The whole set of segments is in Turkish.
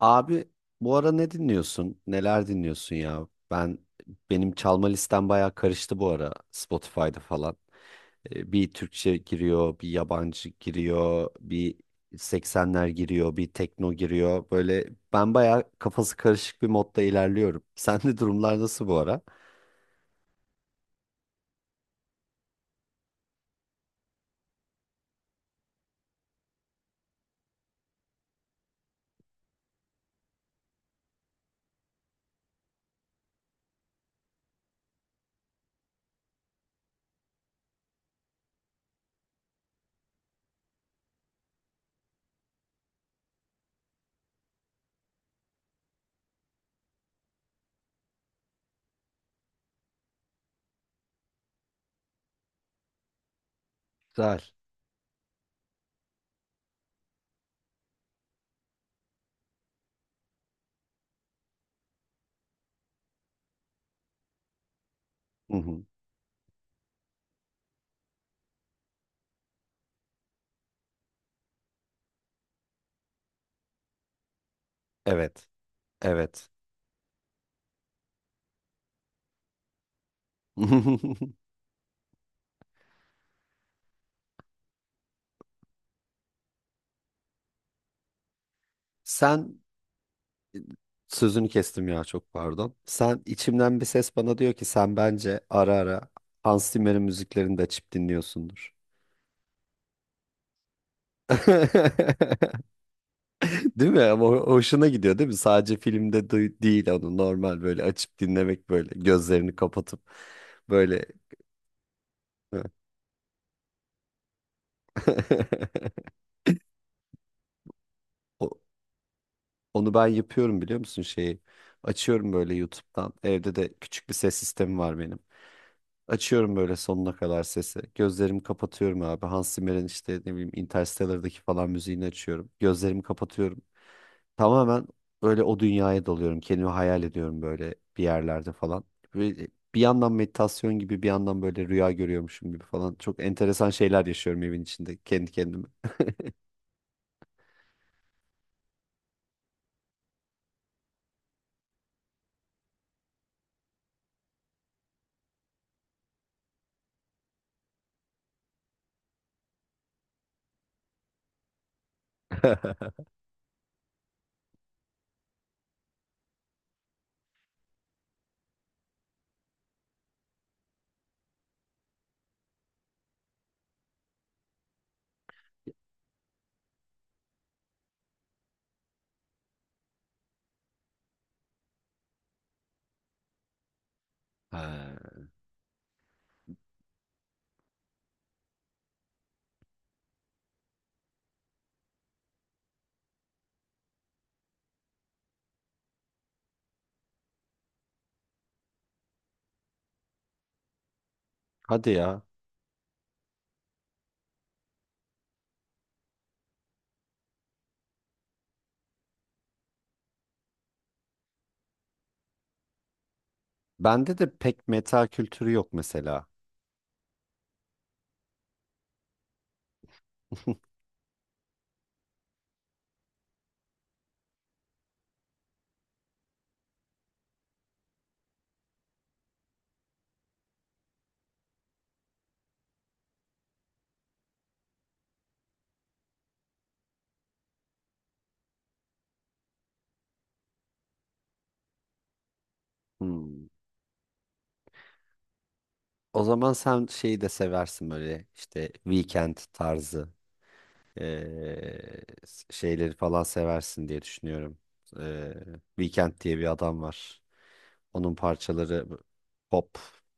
Abi, bu ara ne dinliyorsun? Neler dinliyorsun ya? Benim çalma listem bayağı karıştı bu ara Spotify'da falan. Bir Türkçe giriyor, bir yabancı giriyor, bir 80'ler giriyor, bir tekno giriyor. Böyle ben bayağı kafası karışık bir modda ilerliyorum. Sende durumlar nasıl bu ara? Güzel. Hı hı. Evet. Evet. Sen Sözünü kestim ya, çok pardon. Sen, içimden bir ses bana diyor ki sen bence ara ara Hans Zimmer'in müziklerini de açıp dinliyorsundur. Değil mi? Ama hoşuna gidiyor değil mi? Sadece filmde değil, onu normal böyle açıp dinlemek, böyle gözlerini kapatıp böyle. O- Onu ben yapıyorum, biliyor musun şeyi? Açıyorum böyle YouTube'dan. Evde de küçük bir ses sistemi var benim. Açıyorum böyle sonuna kadar sesi. Gözlerimi kapatıyorum abi. Hans Zimmer'in işte ne bileyim Interstellar'daki falan müziğini açıyorum. Gözlerimi kapatıyorum. Tamamen böyle o dünyaya dalıyorum. Kendimi hayal ediyorum böyle bir yerlerde falan. Ve bir yandan meditasyon gibi, bir yandan böyle rüya görüyormuşum gibi falan. Çok enteresan şeyler yaşıyorum evin içinde kendi kendime. Ha. Hadi ya. Bende de pek meta kültürü yok mesela. Hmm. O zaman sen şeyi de seversin, böyle işte weekend tarzı. Ee, şeyleri falan seversin diye düşünüyorum. Ee, Weekend diye bir adam var. Onun parçaları pop,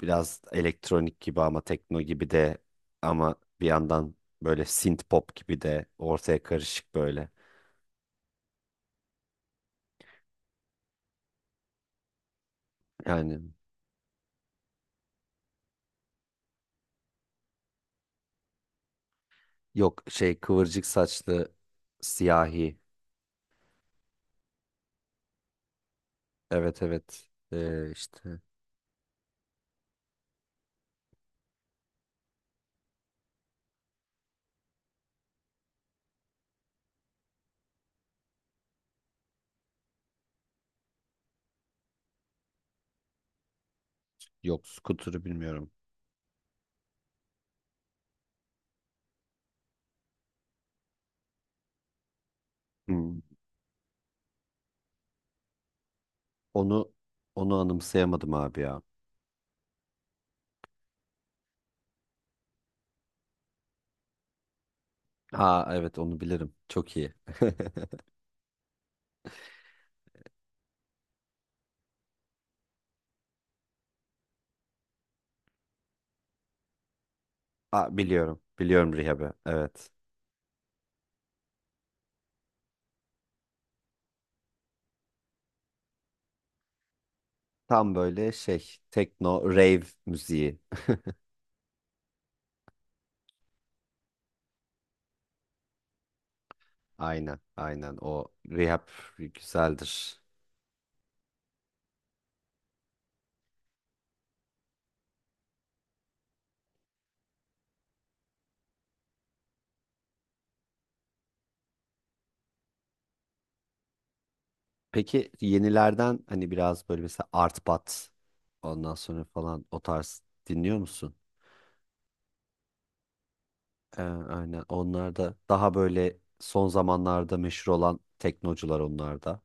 biraz elektronik gibi ama tekno gibi de, ama bir yandan böyle synth pop gibi de, ortaya karışık böyle. Yani yok, şey, kıvırcık saçlı siyahi. Evet evet. Yok, Scooter'ı bilmiyorum. Hmm. Onu onu anımsayamadım abi ya. Ha evet onu bilirim. Çok iyi. Aa, biliyorum. Biliyorum Rehab'ı. Evet. Tam böyle şey, tekno rave müziği. Aynen. Aynen. O Rehab güzeldir. Peki yenilerden hani biraz böyle mesela Art Bat, ondan sonra falan, o tarz dinliyor musun? Aynen. Onlar da daha böyle son zamanlarda meşhur olan teknocular onlar da.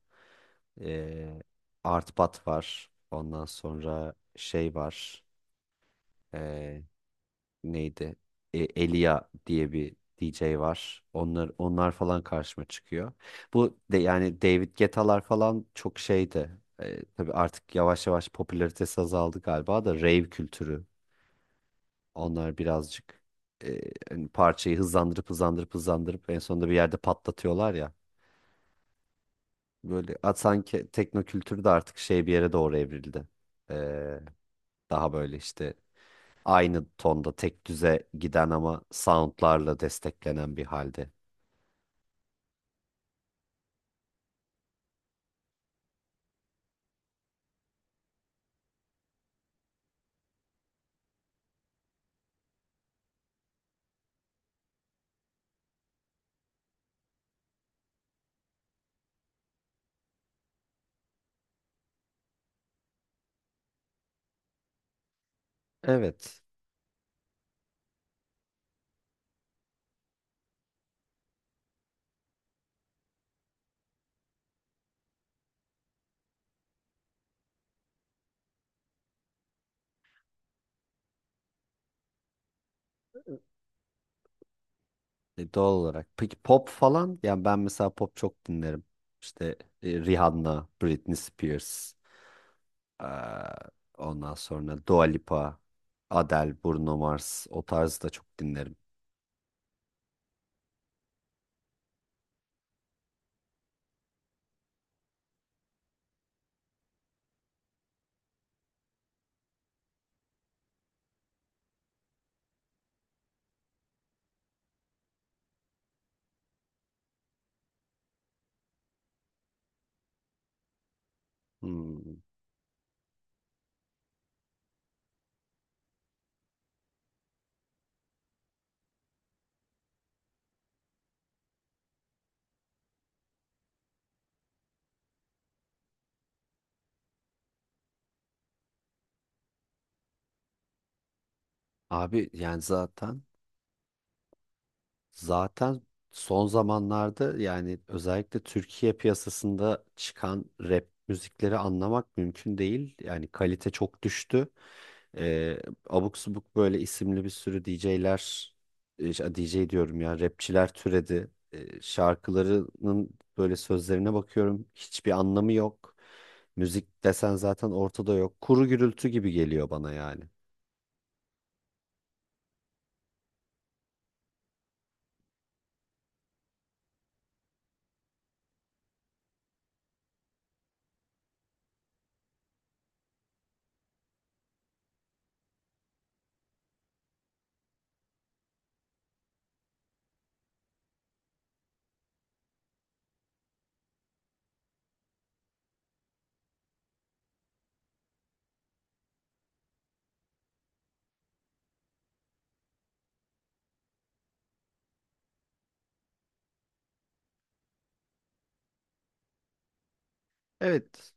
Ee, Art Bat var. Ondan sonra şey var. Neydi? E, Elia diye bir DJ var. Onlar falan karşıma çıkıyor. Bu de yani David Guetta'lar falan çok şeydi. E, tabii artık yavaş yavaş popülaritesi azaldı galiba da rave kültürü. Onlar birazcık e, hani parçayı hızlandırıp hızlandırıp hızlandırıp en sonunda bir yerde patlatıyorlar ya. Böyle at, sanki tekno kültürü de artık şey, bir yere doğru evrildi. E, daha böyle işte aynı tonda tek düze giden ama soundlarla desteklenen bir halde. Evet. E, doğal olarak. Peki pop falan? Yani ben mesela pop çok dinlerim. İşte e, Rihanna, Britney Spears, eee, ondan sonra Dua Lipa, Adele, Bruno Mars, o tarzı da çok dinlerim. Hmm. Abi yani zaten Zaten son zamanlarda, yani özellikle Türkiye piyasasında çıkan rap müzikleri anlamak mümkün değil. Yani kalite çok düştü. Ee, abuk subuk böyle isimli bir sürü DJ'ler, DJ diyorum ya, rapçiler türedi. Şarkılarının böyle sözlerine bakıyorum, hiçbir anlamı yok. Müzik desen zaten ortada yok. Kuru gürültü gibi geliyor bana yani. Evet.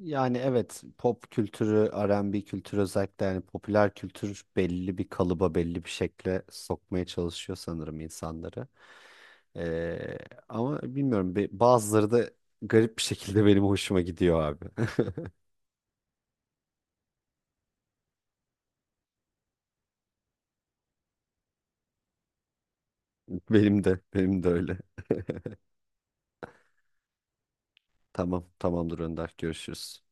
Yani evet, pop kültürü, R&B kültürü, özellikle yani popüler kültür belli bir kalıba, belli bir şekle sokmaya çalışıyor sanırım insanları. Ee, ama bilmiyorum, bazıları da garip bir şekilde benim hoşuma gidiyor abi. Benim de, benim de öyle. Tamam, tamamdır Önder. Görüşürüz.